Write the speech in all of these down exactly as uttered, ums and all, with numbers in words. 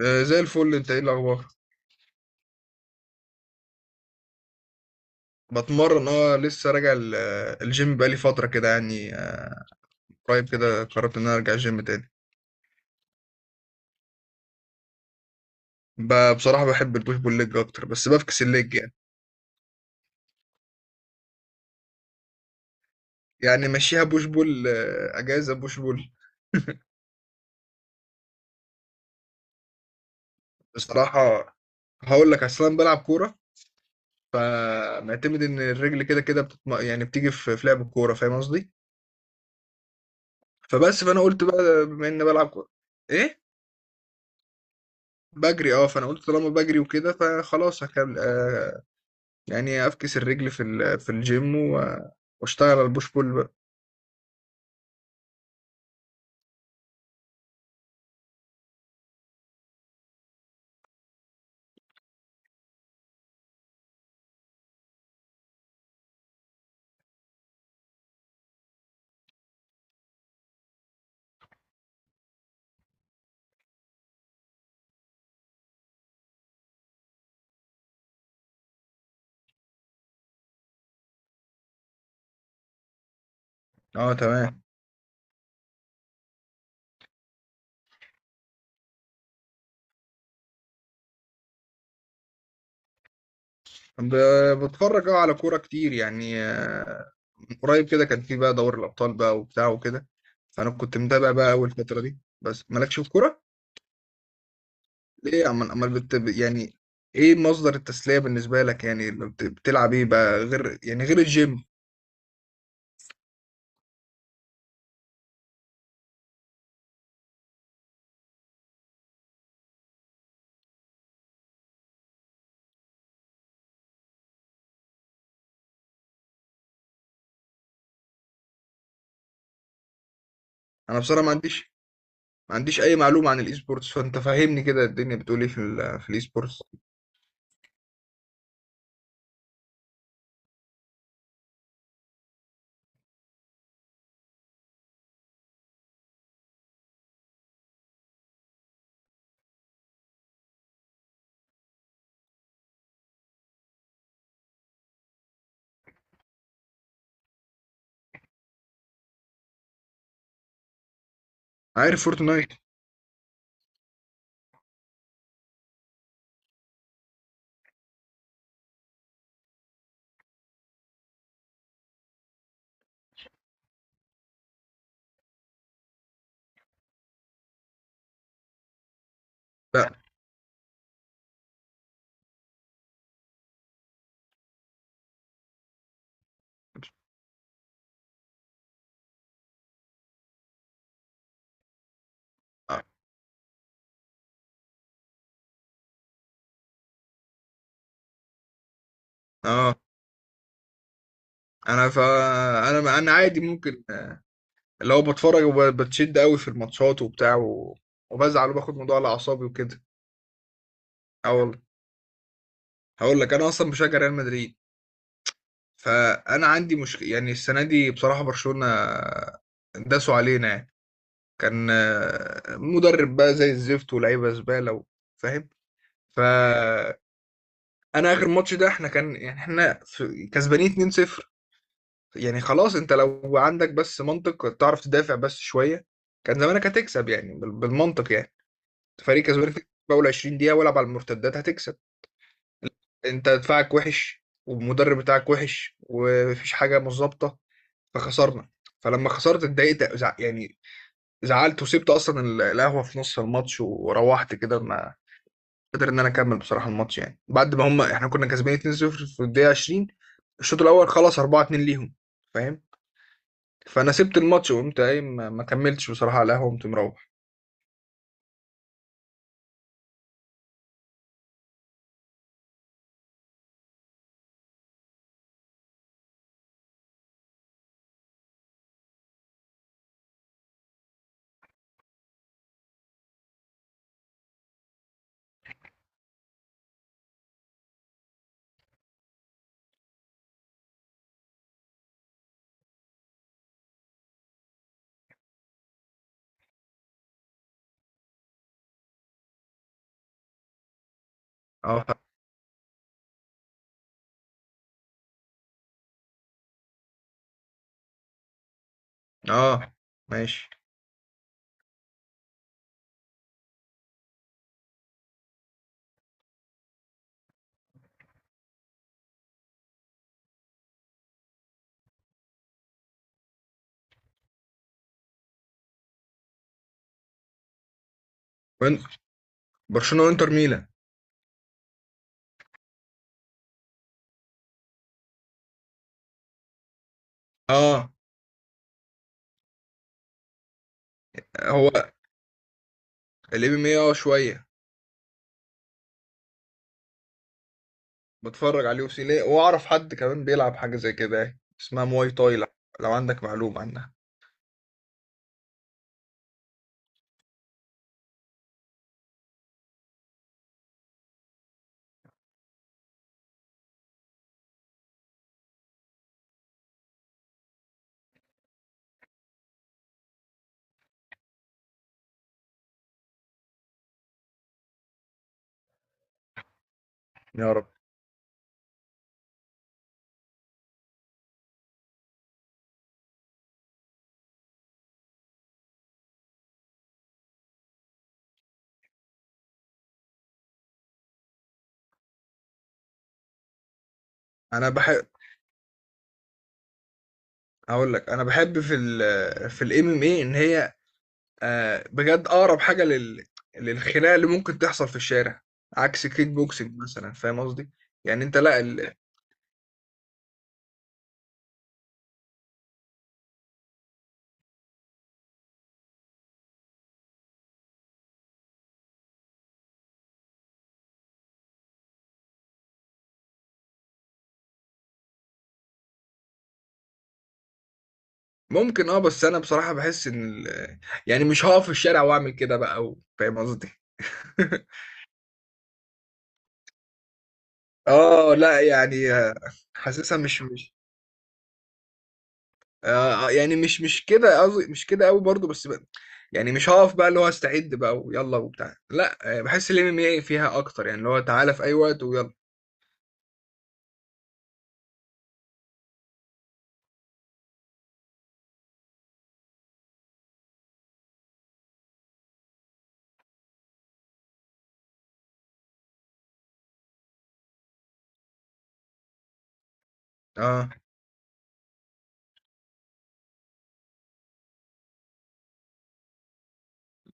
آه، زي الفل، انت ايه الاخبار؟ بتمرن، اه لسه راجع ال- آه، الجيم بقالي فتره كده يعني، آه، قريب كده قررت ان انا ارجع الجيم تاني. ب- بصراحه بحب البوش بول ليج اكتر، بس بفكس الليج يعني. يعني ماشيها بوش بول، آه، اجازه بوش بول. بصراحه، هقول لك اصلا بلعب كوره. فمعتمد ان الرجل كده كده بتتم... يعني بتيجي في في لعب الكوره، فاهم قصدي. فبس، فانا قلت بقى بما اني بلعب كوره. ايه. بجري، اه فانا قلت طالما بجري وكده فخلاص هكمل، آه، يعني افكس الرجل في ال- في الجيم و- واشتغل على البوش بول بقى. اه، تمام. ب- بتفرج اه على كوره كتير يعني، آه، من قريب كده كان في بقى دوري الابطال بقى وبتاع وكده. فانا كنت متابع بقى اول فتره دي، بس مالكش في كوره. ليه عمال عمال بت يعني، ايه مصدر التسليه بالنسبه لك؟ يعني لما بت- بتلعب ايه بقى غير يعني غير الجيم؟ انا بصراحه ما عنديش ما عنديش اي معلومه عن الاي سبورتس. فانت فهمني كده، الدنيا بتقول ايه في ال- في الاي سبورتس؟ عارف فورتنايت. لا. اه انا فا انا انا عادي، ممكن، آه، لو بتفرج وبتشد قوي في الماتشات وبتاع و... وبزعل وباخد موضوع على اعصابي وكده. اه والله، هقول لك، انا اصلا بشجع ريال مدريد. فانا عندي مشكله، يعني السنه دي بصراحه برشلونه داسوا علينا يعني. كان آه، مدرب بقى زي الزفت، ولاعيبه زباله و- فاهم. فانا اخر ماتش ده، احنا كان يعني احنا في- كسبانين اثنين صفر. يعني خلاص، انت لو عندك بس منطق تعرف تدافع بس شويه، كان زمانك هتكسب يعني بال- بالمنطق يعني. فريق كسبان في اول عشرين دقيقه، والعب على المرتدات هتكسب. انت دفاعك وحش، والمدرب بتاعك وحش، ومفيش حاجه مظبطه. فخسرنا. فلما خسرت اتضايقت، زع- يعني زعلت وسبت اصلا ال- القهوه في نص الماتش وروحت كده، ما قدر ان انا اكمل بصراحه الماتش، يعني بعد ما هم احنا كنا كسبانين اثنين صفر في الدقيقه عشرين. الشوط الاول خلص اربعه اتنين ليهم، فاهم. فانا سبت الماتش وقمت قايم، ما ما كملتش بصراحه على القهوه، قمت مروح. اه. اه ماشي. وانت، برشلونه وانتر ميلان. اه، هو الام ام اي، اه شويه. بتفرج على اليو سي ليه، واعرف حد كمان بيلعب حاجه زي كده يعني اسمها مواي تاي، لو لو عندك معلومه عنها. يا رب. انا بحب اقول لك، انا بحب في ال في الام ام اي ان هي، آه بجد اقرب حاجه لل للخناقه اللي ممكن تحصل في الشارع، عكس كيك بوكسنج مثلا، فاهم قصدي. يعني انت لا، ممكن، اه بس انا بصراحة بحس ان ال- يعني مش هقف في الشارع واعمل كده بقى و- فاهم قصدي. اه لا يعني، حاسسها مش مش آه آه، يعني مش مش كده قصدي، مش كده قوي برضو بس بقى. يعني مش هقف بقى اللي هو استعد بقى ويلا وبتاع، لا آه، بحس الام ام اي فيها اكتر، يعني اللي هو تعالى في اي وقت ويلا. اه.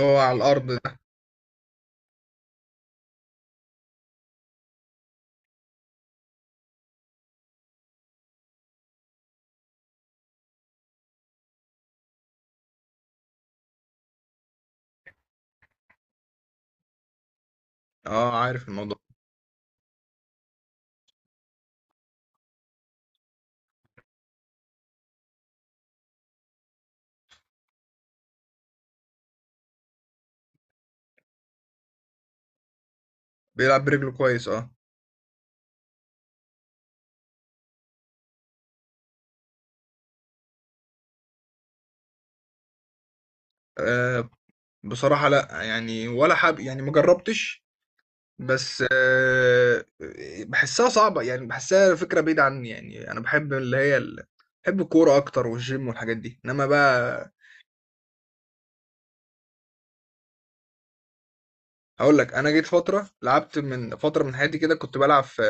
هو على الارض ده. اه، عارف الموضوع. بيلعب برجله كويس اه. آه، بصراحة لا يعني، ولا حاب يعني، مجربتش. بس آه، بحسها صعبة يعني، بحسها فكرة بعيدة عني. يعني أنا بحب اللي هي ال... بحب الكورة أكتر والجيم والحاجات دي، إنما بقى. هقول لك، أنا جيت فترة لعبت من فترة من حياتي كده، كنت بلعب في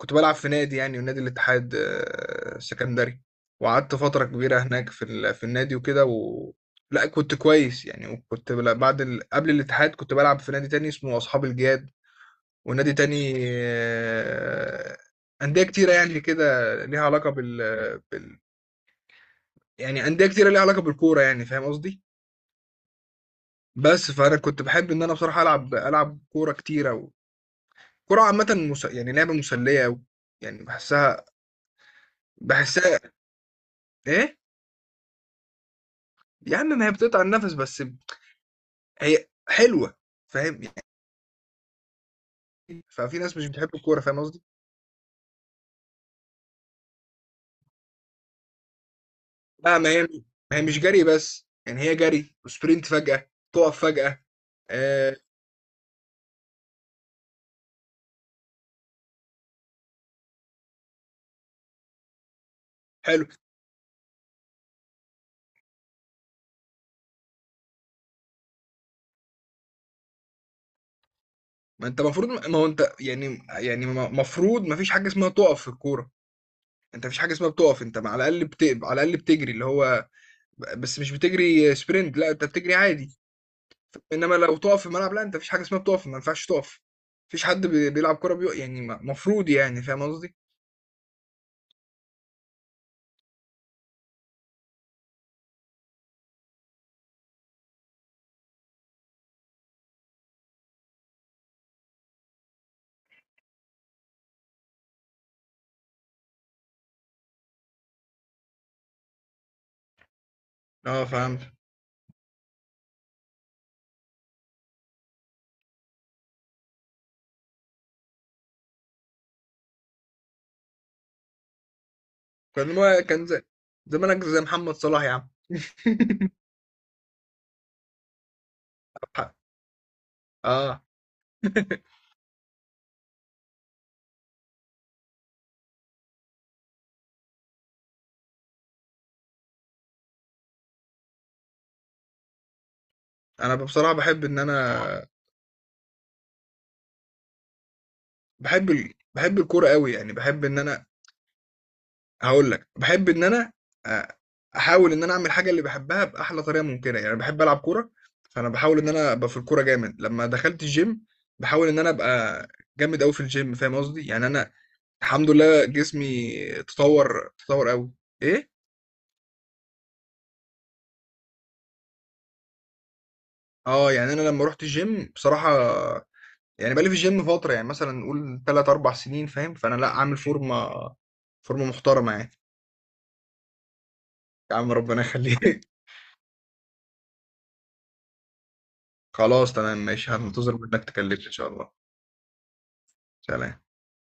كنت بلعب في نادي، يعني نادي الاتحاد آه، السكندري. وقعدت فترة كبيرة هناك في ال... في النادي وكده و... لا، كنت كويس يعني. وكنت بل- بعد ال... قبل الاتحاد كنت بلعب في نادي تاني اسمه أصحاب الجياد. ونادي تاني، آه، أندية كتيرة يعني كده، ليها علاقة بال... بال... يعني أندية كتيرة ليها علاقة بالكورة يعني، فاهم قصدي؟ بس فأنا كنت بحب إن أنا بصراحة ألعب ألعب كورة كتيرة و... كورة عامة، مس... يعني لعبة مسلية أوي. يعني بحسها بحسها إيه؟ يا عم ما هي بتقطع النفس، بس ب- هي حلوة، فاهم يعني. ففي ناس مش بتحب الكورة، فاهم قصدي؟ لا ما هي ما هي مش جري بس، يعني هي جري وسبرنت، فجأة تقف فجأة. آه، حلو. ما انت المفروض ما هو انت يعني، يعني المفروض ما فيش حاجه اسمها تقف في الكوره. انت ما فيش حاجه اسمها بتقف، انت على الاقل بت... على الاقل بتجري اللي هو، بس مش بتجري سبرنت، لا انت بتجري عادي. انما لو تقف في الملعب، لا انت ما فيش حاجه اسمها بتقف، ما ينفعش تقف. مفيش حد بي- بيلعب كوره بيق... يعني المفروض يعني، فاهم قصدي. اه فهمت. كان هو كان زي... زمانك زي محمد صلاح يا عم. حق. اه. انا بصراحه بحب ان انا، بحب ال... بحب الكوره قوي يعني، بحب ان انا هاقول لك، باحب إن أنا أ أحاول إن أنا أعمل الحاجة اللي باحبها بأحلى طريقة ممكنة، يعني باحب ألعب كورة. فأنا باحاول إن أنا أبقى في الكورة جامد. لمّا دخلت الgym باحاول إن أنا أبقى جامد أوي في الgym، فاهم قصدي؟ يعني أنا الحمد لله، جسمي تطوّر تطوّر أوي. إيه؟ آه، يعني أنا لمّا رُحت الgym بصراحة، يعني بقى لي في الgym فترة، يعني مثلًا نقول تلات، اربع سنين فاهم، فأنا لأ عامل فورمة، فورمة محترمة يعني. يا عم ربنا يخليك. خلاص تمام ماشي، هانتظر منّك تكلمني إن شاء الله. سلام.